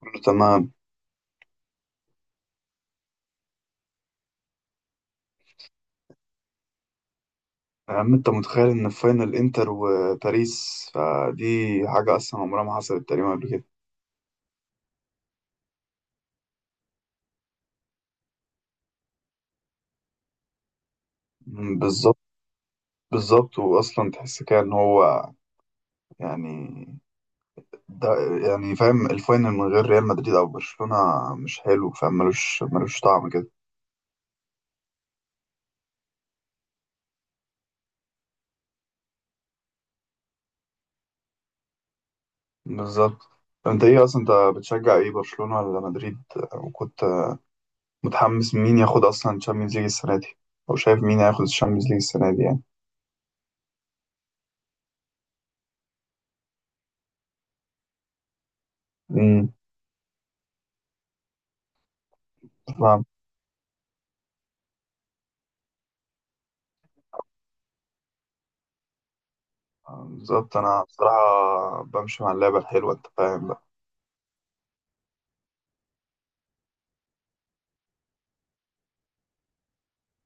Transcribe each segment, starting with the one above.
كله تمام. يا عم انت متخيل ان في فاينل انتر وباريس؟ فدي حاجة اصلا عمرها ما حصلت تقريبا قبل كده. بالظبط. بالظبط، واصلا تحس كده ان هو، يعني ده يعني فاهم الفاينل من غير ريال مدريد او برشلونة مش حلو، فاهم؟ ملوش طعم كده. بالظبط. انت ايه اصلا، انت بتشجع ايه، برشلونة ولا مدريد؟ وكنت متحمس مين ياخد اصلا الشامبيونز ليج السنة دي؟ او شايف مين هياخد الشامبيونز ليج السنة دي يعني؟ امم بالظبط. انا بصراحة بمشي مع اللعبة الحلوة، انت فاهم بقى.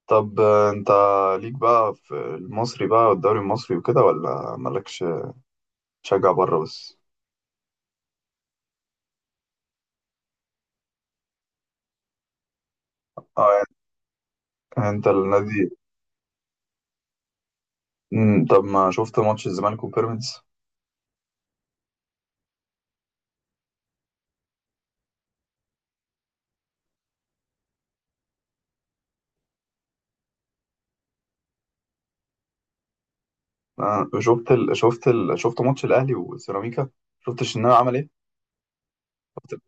طب انت ليك بقى في المصري بقى والدوري المصري وكده، ولا مالكش، تشجع بره بس؟ اه، يعني انت النادي. طب ما شفت ماتش الزمالك وبيراميدز؟ شفت ماتش الاهلي وسيراميكا؟ شفت الشناوي عمل ايه؟ شفت ال-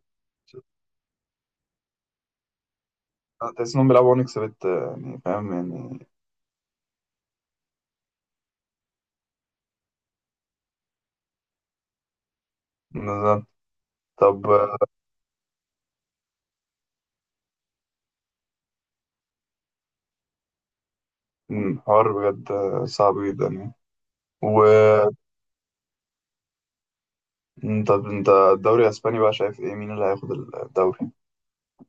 تحس انهم بيلعبوا ونكس بت يعني، فاهم يعني. بالظبط. طب حوار بجد صعب جدا يعني. طب انت الدوري الاسباني بقى شايف ايه، مين اللي هياخد الدوري،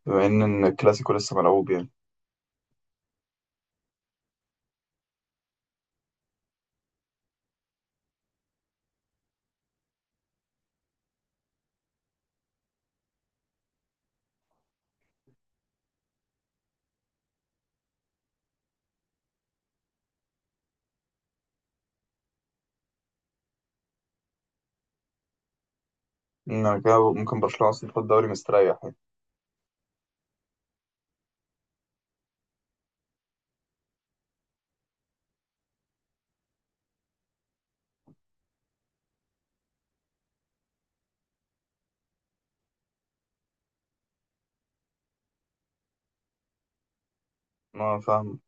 بما ان إن الكلاسيكو لسه ملعوب يعني؟ انا كده ممكن برشلونة اصلا تاخد الدوري مستريح يعني. ما فاهم.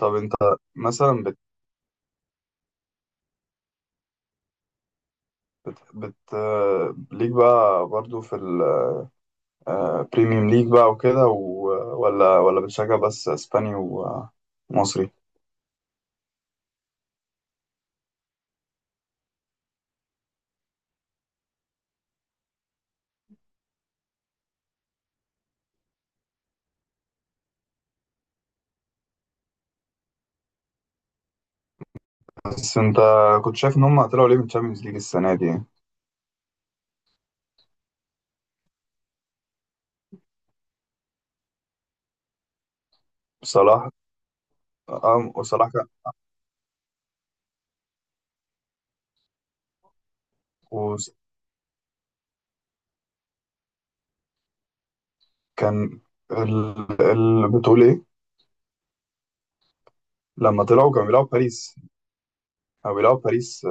طب انت مثلا ليك بقى برضو في البريميوم ليج بقى وكده و... ولا بتشجع بس اسباني ومصري؟ بس انت كنت شايف ان هم طلعوا ليه من الشامبيونز ليج السنة دي يعني؟ صلاح. اه، وصلاح كان، وكان ال... ال... بتقول ايه؟ لما طلعوا كانوا بيلعبوا باريس، او بيلعبوا باريس؟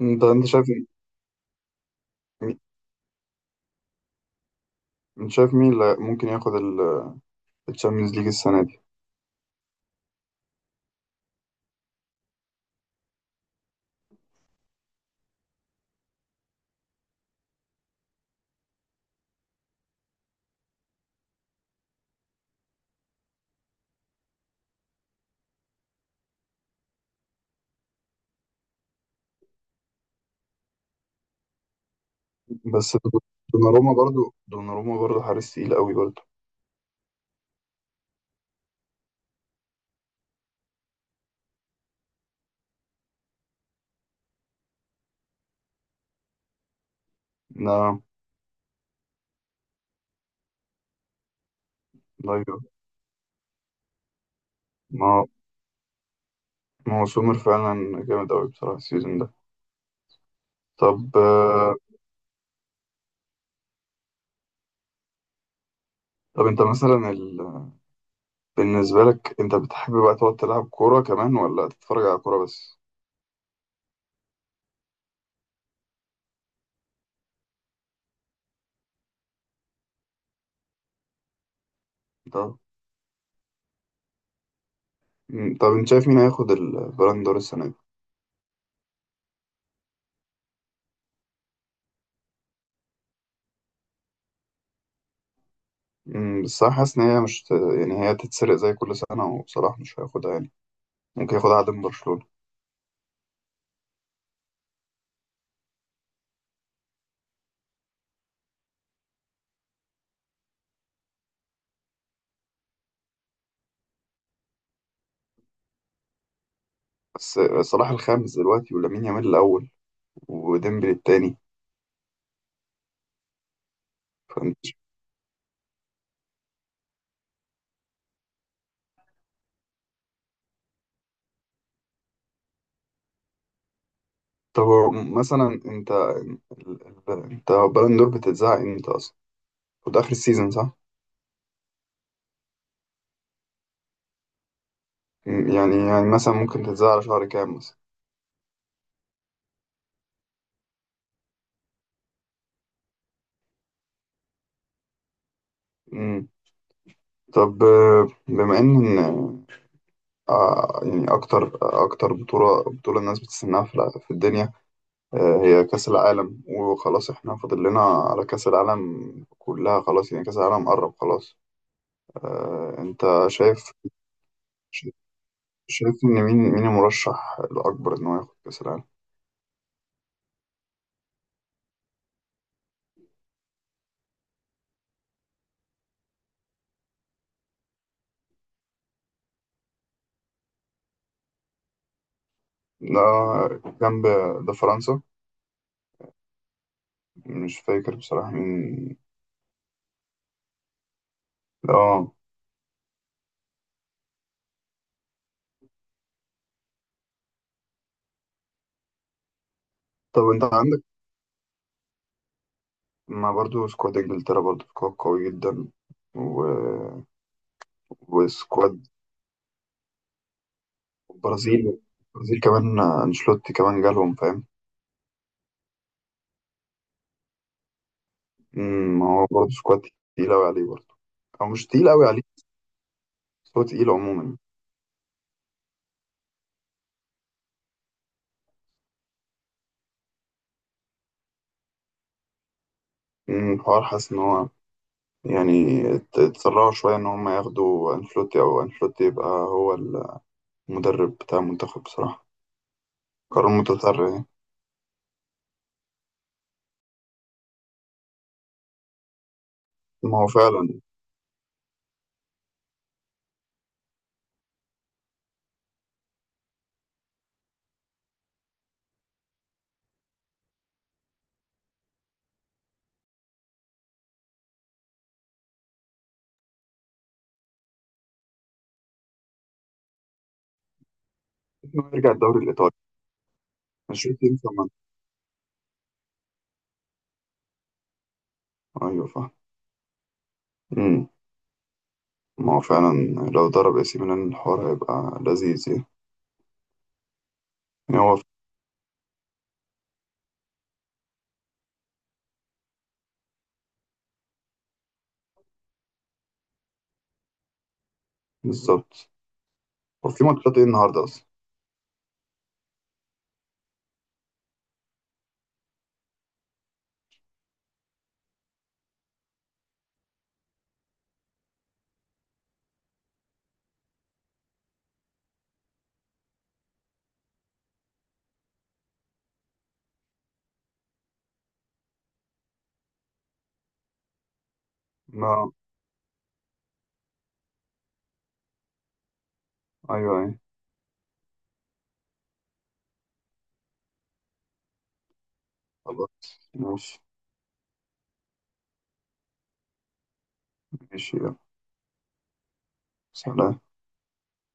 انت شايف مين- انت شايف مين اللي ممكن ياخد الشامبيونز ليج السنه دي؟ بس دوناروما برضو، دوناروما برضو حارس تقيل قوي برضو. نعم. ايوه. ما ما هو سومر فعلا جامد قوي بصراحه السيزون ده. طب طب انت مثلا ال... بالنسبه لك انت بتحب بقى تقعد تلعب كوره كمان ولا تتفرج على كوره بس؟ طب طب انت شايف مين هياخد البالون دور السنه دي؟ بس انا حاسس ان هي مش ت- يعني هي تتسرق زي كل سنه، وبصراحه مش هياخدها يعني. ممكن ياخدها عدم برشلونة. بس صلاح الخامس دلوقتي، ولامين يامال الأول، وديمبلي التاني. فانت، طب مثلا انت، انت بالون دور بتتذاع امتى اصلا؟ خد آخر السيزون صح؟ يعني مثلا ممكن تتذاع على شهر كام مثلا؟ مم. طب بما ان يعني اكتر بطولة بطولة الناس بتستناها في الدنيا هي كأس العالم، وخلاص احنا فاضل لنا على كأس العالم، كلها خلاص يعني، كأس العالم قرب خلاص. انت شايف، ش- شايف إن مين، مين المرشح الأكبر إن هو ياخد كأس العالم؟ لا، جنب، ده فرنسا. مش فاكر بصراحة مين. اه. طب أنت عندك، ما برضو سكواد إنجلترا برضو سكواد قوي جدا، و... وسكواد البرازيل. البرازيل كمان أنشيلوتي كمان جالهم، فاهم؟ ما هو برضو سكواد تقيل أوي عليه برضو، أو مش تقيل أوي عليه، بس هو تقيل عموما. الحوار حاسس إن هو يعني اتسرعوا شوية إن هم ياخدوا أنشيلوتي، أو أنشيلوتي يبقى هو المدرب بتاع المنتخب بصراحة. قرار متسرع يعني. ما هو فعلا. إنه يرجع الدوري الإيطالي، مش روتين كمان؟ أيوة فاهم. أمم. ما هو فعلا، لو ضرب اي سي ميلان الحوار هيبقى لذيذ يعني. يعني هو، بالظبط. هو في ماتشات ايه النهاردة أصلا؟ ما أيوة أيوة. خلاص ماشي. ماشي يلا. سلام.